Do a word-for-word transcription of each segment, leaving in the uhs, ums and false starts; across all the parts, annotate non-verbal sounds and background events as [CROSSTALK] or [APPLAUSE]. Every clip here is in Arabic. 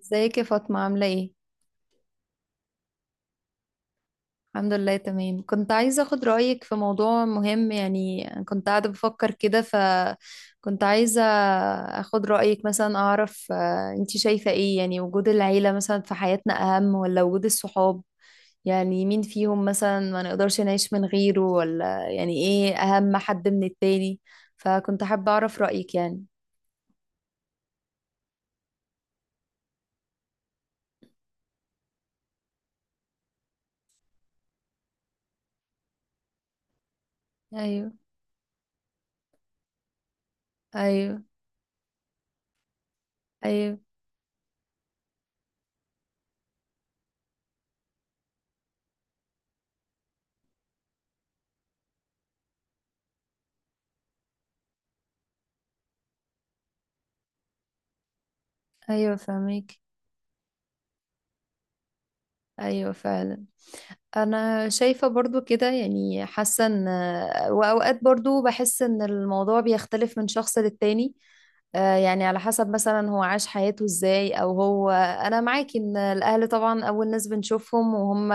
ازيك يا فاطمة عاملة ايه؟ الحمد لله تمام. كنت عايزة اخد رأيك في موضوع مهم، يعني كنت قاعدة بفكر كده فكنت عايزة اخد رأيك، مثلا اعرف. آه، انتي شايفة ايه يعني؟ وجود العيلة مثلا في حياتنا اهم ولا وجود الصحاب؟ يعني مين فيهم مثلا ما نقدرش نعيش من غيره؟ ولا يعني ايه اهم حد من التاني؟ فكنت حابة اعرف رأيك يعني. ايوه. ايوه. ايوه. ايوه فاهمك. ايوه فعلا. انا شايفة برضو كده، يعني حاسة ان واوقات برضو بحس ان الموضوع بيختلف من شخص للتاني. آه، يعني على حسب مثلا هو عاش حياته ازاي، او هو، انا معاك ان الاهل طبعا اول ناس بنشوفهم وهم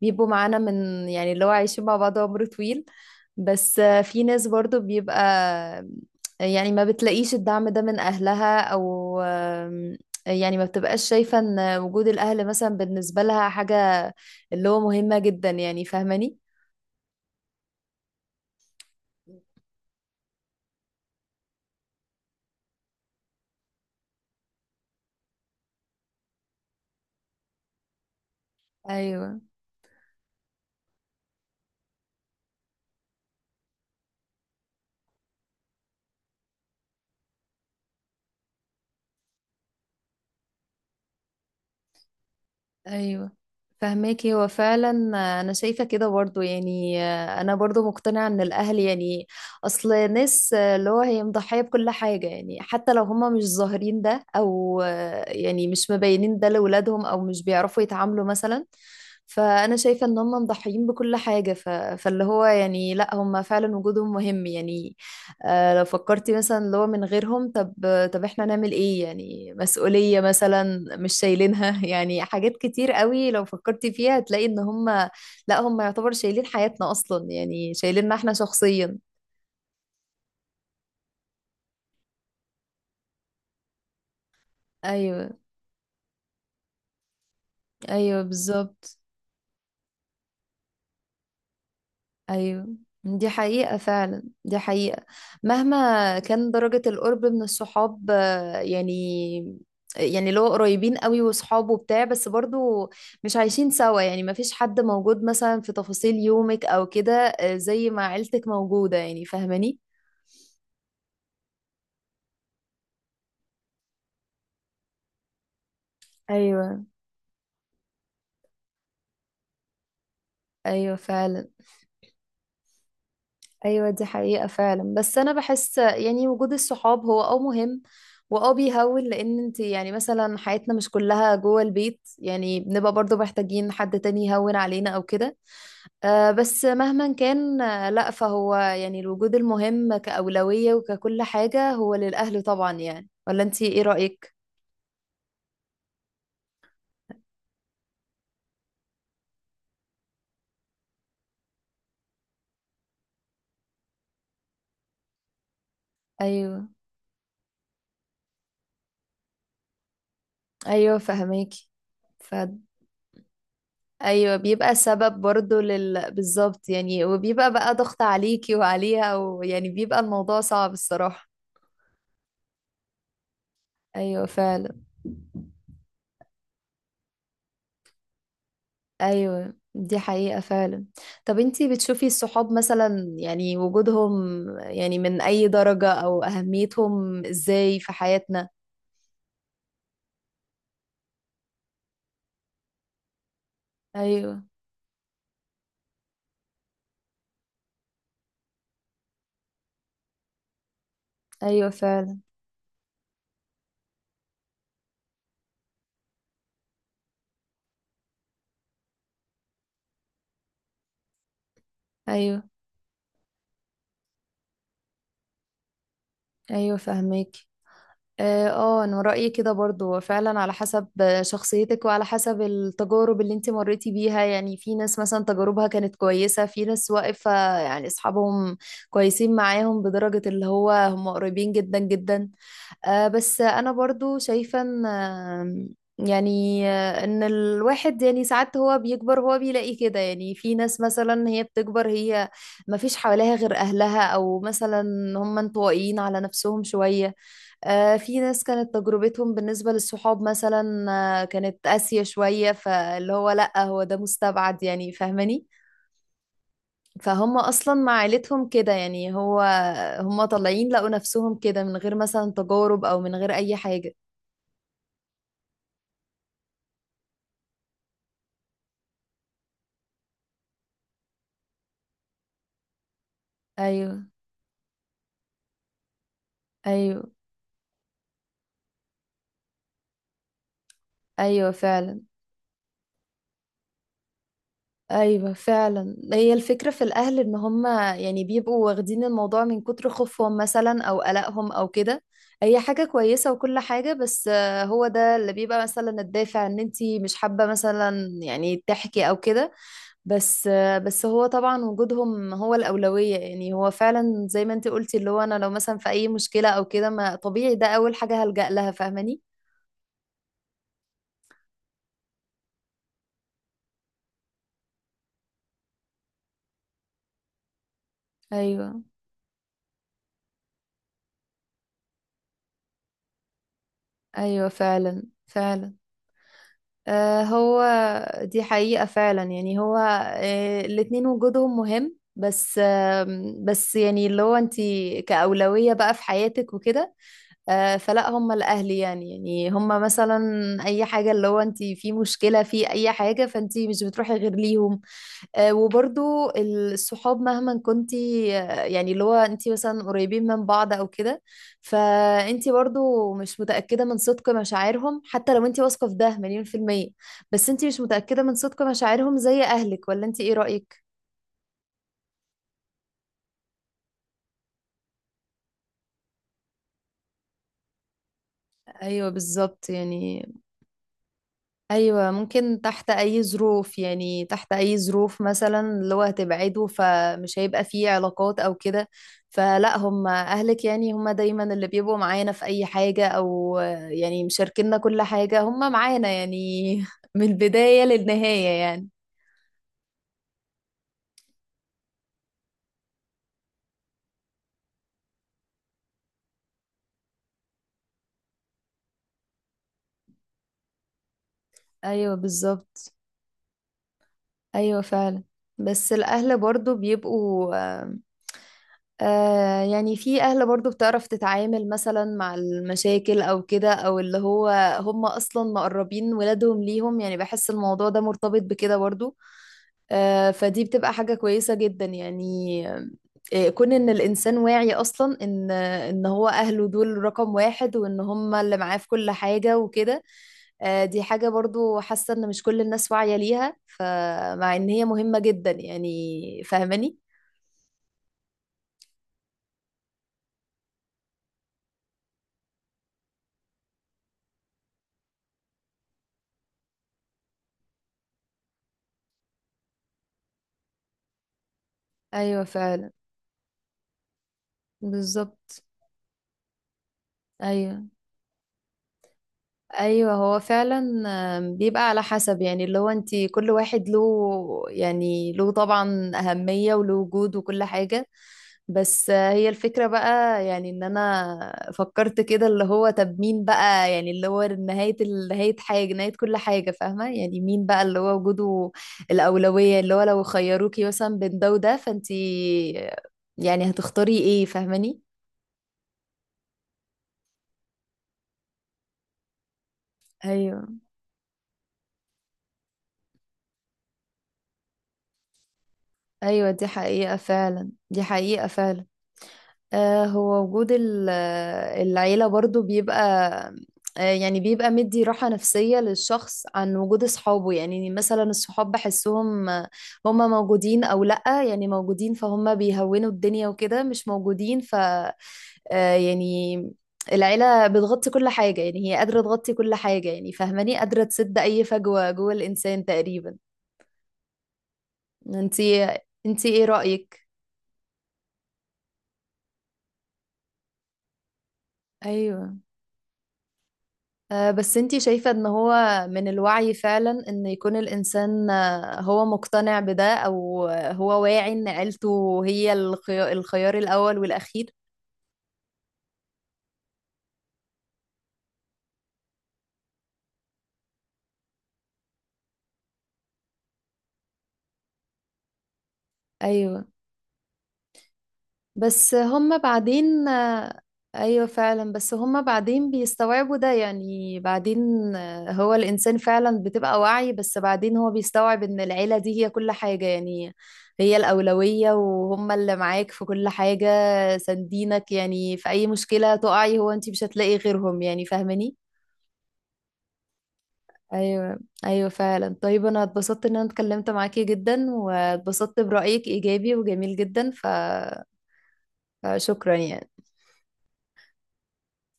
بيبقوا معانا من، يعني اللي هو عايشين مع بعض عمر طويل. بس آه، في ناس برضو بيبقى يعني ما بتلاقيش الدعم ده من اهلها، او آم، يعني ما بتبقاش شايفة ان وجود الاهل مثلا بالنسبة لها حاجة اللي هو مهمة جدا، يعني فاهماني؟ ايوه. ايوه فهماكي هو فعلا. انا شايفه كده برضو، يعني انا برضو مقتنعه ان الاهل يعني اصل ناس اللي هو هي مضحيه بكل حاجه، يعني حتى لو هما مش ظاهرين ده، او يعني مش مبينين ده لاولادهم، او مش بيعرفوا يتعاملوا مثلا. فانا شايفه ان هما مضحيين بكل حاجه ف... فاللي هو يعني لا، هما فعلا وجودهم مهم يعني. آه، لو فكرتي مثلا اللي هو من غيرهم، طب طب احنا نعمل ايه؟ يعني مسؤولية مثلا مش شايلينها [LAUGHS] يعني حاجات كتير قوي لو فكرتي فيها هتلاقي ان هم لا، هم يعتبر شايلين حياتنا اصلا، يعني شايليننا احنا شخصيا. ايوه. ايوه بالظبط. ايوه دي حقيقة فعلا، دي حقيقة. مهما كان درجة القرب من الصحاب، آه، يعني، يعني اللي هو قريبين قوي وصحاب وبتاع، بس برضو مش عايشين سوا، يعني ما فيش حد موجود مثلا في تفاصيل يومك او كده، آه، زي ما عيلتك موجودة، يعني فاهماني؟ ايوه. ايوه فعلا. ايوه دي حقيقة فعلا. بس انا بحس يعني وجود الصحاب هو اه مهم واه بيهون، لان انت يعني مثلا حياتنا مش كلها جوه البيت، يعني بنبقى برضو محتاجين حد تاني يهون علينا او كده. آه بس مهما كان، آه لا، فهو يعني الوجود المهم كأولوية وككل حاجة هو للأهل طبعا، يعني ولا انت ايه رأيك؟ ايوه. ايوه فهماكي. ف ايوه، بيبقى سبب برضو لل بالظبط يعني، وبيبقى بقى ضغط عليكي وعليها، ويعني بيبقى الموضوع صعب الصراحة. ايوه فعلا. ايوه دي حقيقة فعلا. طب انتي بتشوفي الصحاب مثلا يعني وجودهم، يعني من اي درجة؟ او اهميتهم ازاي في حياتنا؟ ايوه. ايوه فعلا. ايوه. ايوه فهميك. اه، آه، انا رأيي كده برضو هو فعلا على حسب شخصيتك، وعلى حسب التجارب اللي انت مريتي بيها. يعني في ناس مثلا تجاربها كانت كويسة، في ناس واقفة يعني اصحابهم كويسين معاهم بدرجة اللي هو هم قريبين جدا جدا. آه بس انا برضو شايفة ان آه، يعني آه، ان الواحد يعني ساعات هو بيكبر هو بيلاقي كده، يعني في ناس مثلا هي بتكبر هي ما فيش حواليها غير اهلها، او مثلا هم انطوائيين على نفسهم شوية. آه، في ناس كانت تجربتهم بالنسبة للصحاب مثلا آه، كانت قاسية شوية. فاللي هو لأ، هو ده مستبعد يعني، فاهماني؟ فهم أصلا مع عيلتهم كده، يعني هو هم طالعين لقوا نفسهم كده من غير مثلا تجارب، أو من غير أي حاجة. أيوه. أيوه. أيوه فعلا. ايوه فعلا هي الفكره في الاهل ان هم يعني بيبقوا واخدين الموضوع من كتر خوفهم مثلا، او قلقهم او كده. هي حاجه كويسه وكل حاجه، بس آه، هو ده اللي بيبقى مثلا الدافع ان انتي مش حابه مثلا يعني تحكي او كده. بس آه، بس هو طبعا وجودهم هو الاولويه، يعني هو فعلا زي ما انتي قلتي اللي هو انا لو مثلا في اي مشكله او كده، ما طبيعي ده اول حاجه هلجأ لها، فاهماني؟ ايوه. ايوه فعلا فعلا. آه، هو دي حقيقة فعلا. يعني هو آه، الاتنين وجودهم مهم، بس آم، بس يعني اللي هو انتي كأولوية بقى في حياتك وكده، آه، فلا هم الأهل. يعني يعني هم مثلا أي حاجة اللي هو انتي في مشكلة في أي حاجة، فانتي مش بتروحي غير ليهم. آه، وبرضو الصحاب مهما كنتي آه، يعني اللي هو انتي مثلا قريبين من بعض او كده، فانتي برضو مش متأكدة من صدق مشاعرهم، حتى لو انتي واثقة في ده مليون في المية. بس انتي مش متأكدة من صدق مشاعرهم زي اهلك، ولا انتي ايه رأيك؟ ايوه بالظبط يعني. ايوه ممكن، تحت اي ظروف؟ يعني تحت اي ظروف مثلا اللي هو هتبعده فمش هيبقى فيه علاقات او كده؟ فلا، هم اهلك يعني، هم دايما اللي بيبقوا معانا في اي حاجة، او يعني مشاركينا كل حاجة، هم معانا يعني [LAUGHS] من البداية للنهاية يعني. ايوه بالظبط. ايوه فعلا. بس الاهل برضو بيبقوا آه، يعني في أهل برضو بتعرف تتعامل مثلا مع المشاكل أو كده، أو اللي هو هم أصلا مقربين ولادهم ليهم، يعني بحس الموضوع ده مرتبط بكده برضو. آه فدي بتبقى حاجة كويسة جدا يعني. آه، كون إن الإنسان واعي أصلا إن إن هو أهله دول رقم واحد، وإن هم اللي معاه في كل حاجة وكده. آه دي حاجة برضو حاسة إن مش كل الناس واعية ليها، فمع إن هي مهمة جدا، يعني فاهماني؟ أيوة فعلا. بالظبط. ايوه. ايوه هو فعلا. آم، بيبقى على حسب، يعني اللي هو انت كل واحد له يعني له طبعا اهميه وله وجود وكل حاجه. بس آه، هي الفكره بقى يعني ان انا فكرت كده اللي هو طب مين بقى يعني اللي هو نهايه ال- نهايه حاجه، نهايه كل حاجه، فاهمه؟ يعني مين بقى اللي هو وجوده الاولويه؟ اللي هو لو خيروكي مثلا بين ده وده، فانت يعني هتختاري ايه، فاهماني؟ ايوه. ايوه دي حقيقه فعلا، دي حقيقه فعلا. آه، هو وجود ال- آه، العيلة برضو بيبقى آه، يعني بيبقى مدي راحة نفسية للشخص عن وجود أصحابه. يعني مثلا الصحاب بحسهم آه، هما موجودين أو لأ. يعني موجودين فهم بيهونوا الدنيا وكده، مش موجودين ف آه، يعني العيلة بتغطي كل حاجة، يعني هي قادرة تغطي كل حاجة، يعني فاهماني؟ قادرة تسد أي فجوة جوه الإنسان تقريبا. انتي انتي ايه رأيك؟ ايوه. آه، بس انتي شايفة ان هو من الوعي فعلا ان يكون الانسان آه، هو مقتنع بده، او هو واعي ان عيلته هي الخيار, الخيار الاول والاخير. ايوه بس هم بعدين آه، ايوه فعلا. بس هم بعدين بيستوعبوا ده يعني، بعدين آه، هو الانسان فعلا بتبقى واعي، بس بعدين هو بيستوعب ان العيلة دي هي كل حاجة يعني، هي الأولوية، وهم اللي معاك في كل حاجة سندينك، يعني في أي مشكلة تقعي هو انتي مش هتلاقي غيرهم، يعني فاهماني؟ ايوه. ايوه فعلا. طيب انا اتبسطت ان انا اتكلمت معاكي جدا، واتبسطت برأيك ايجابي وجميل جدا ف- فشكرا يعني.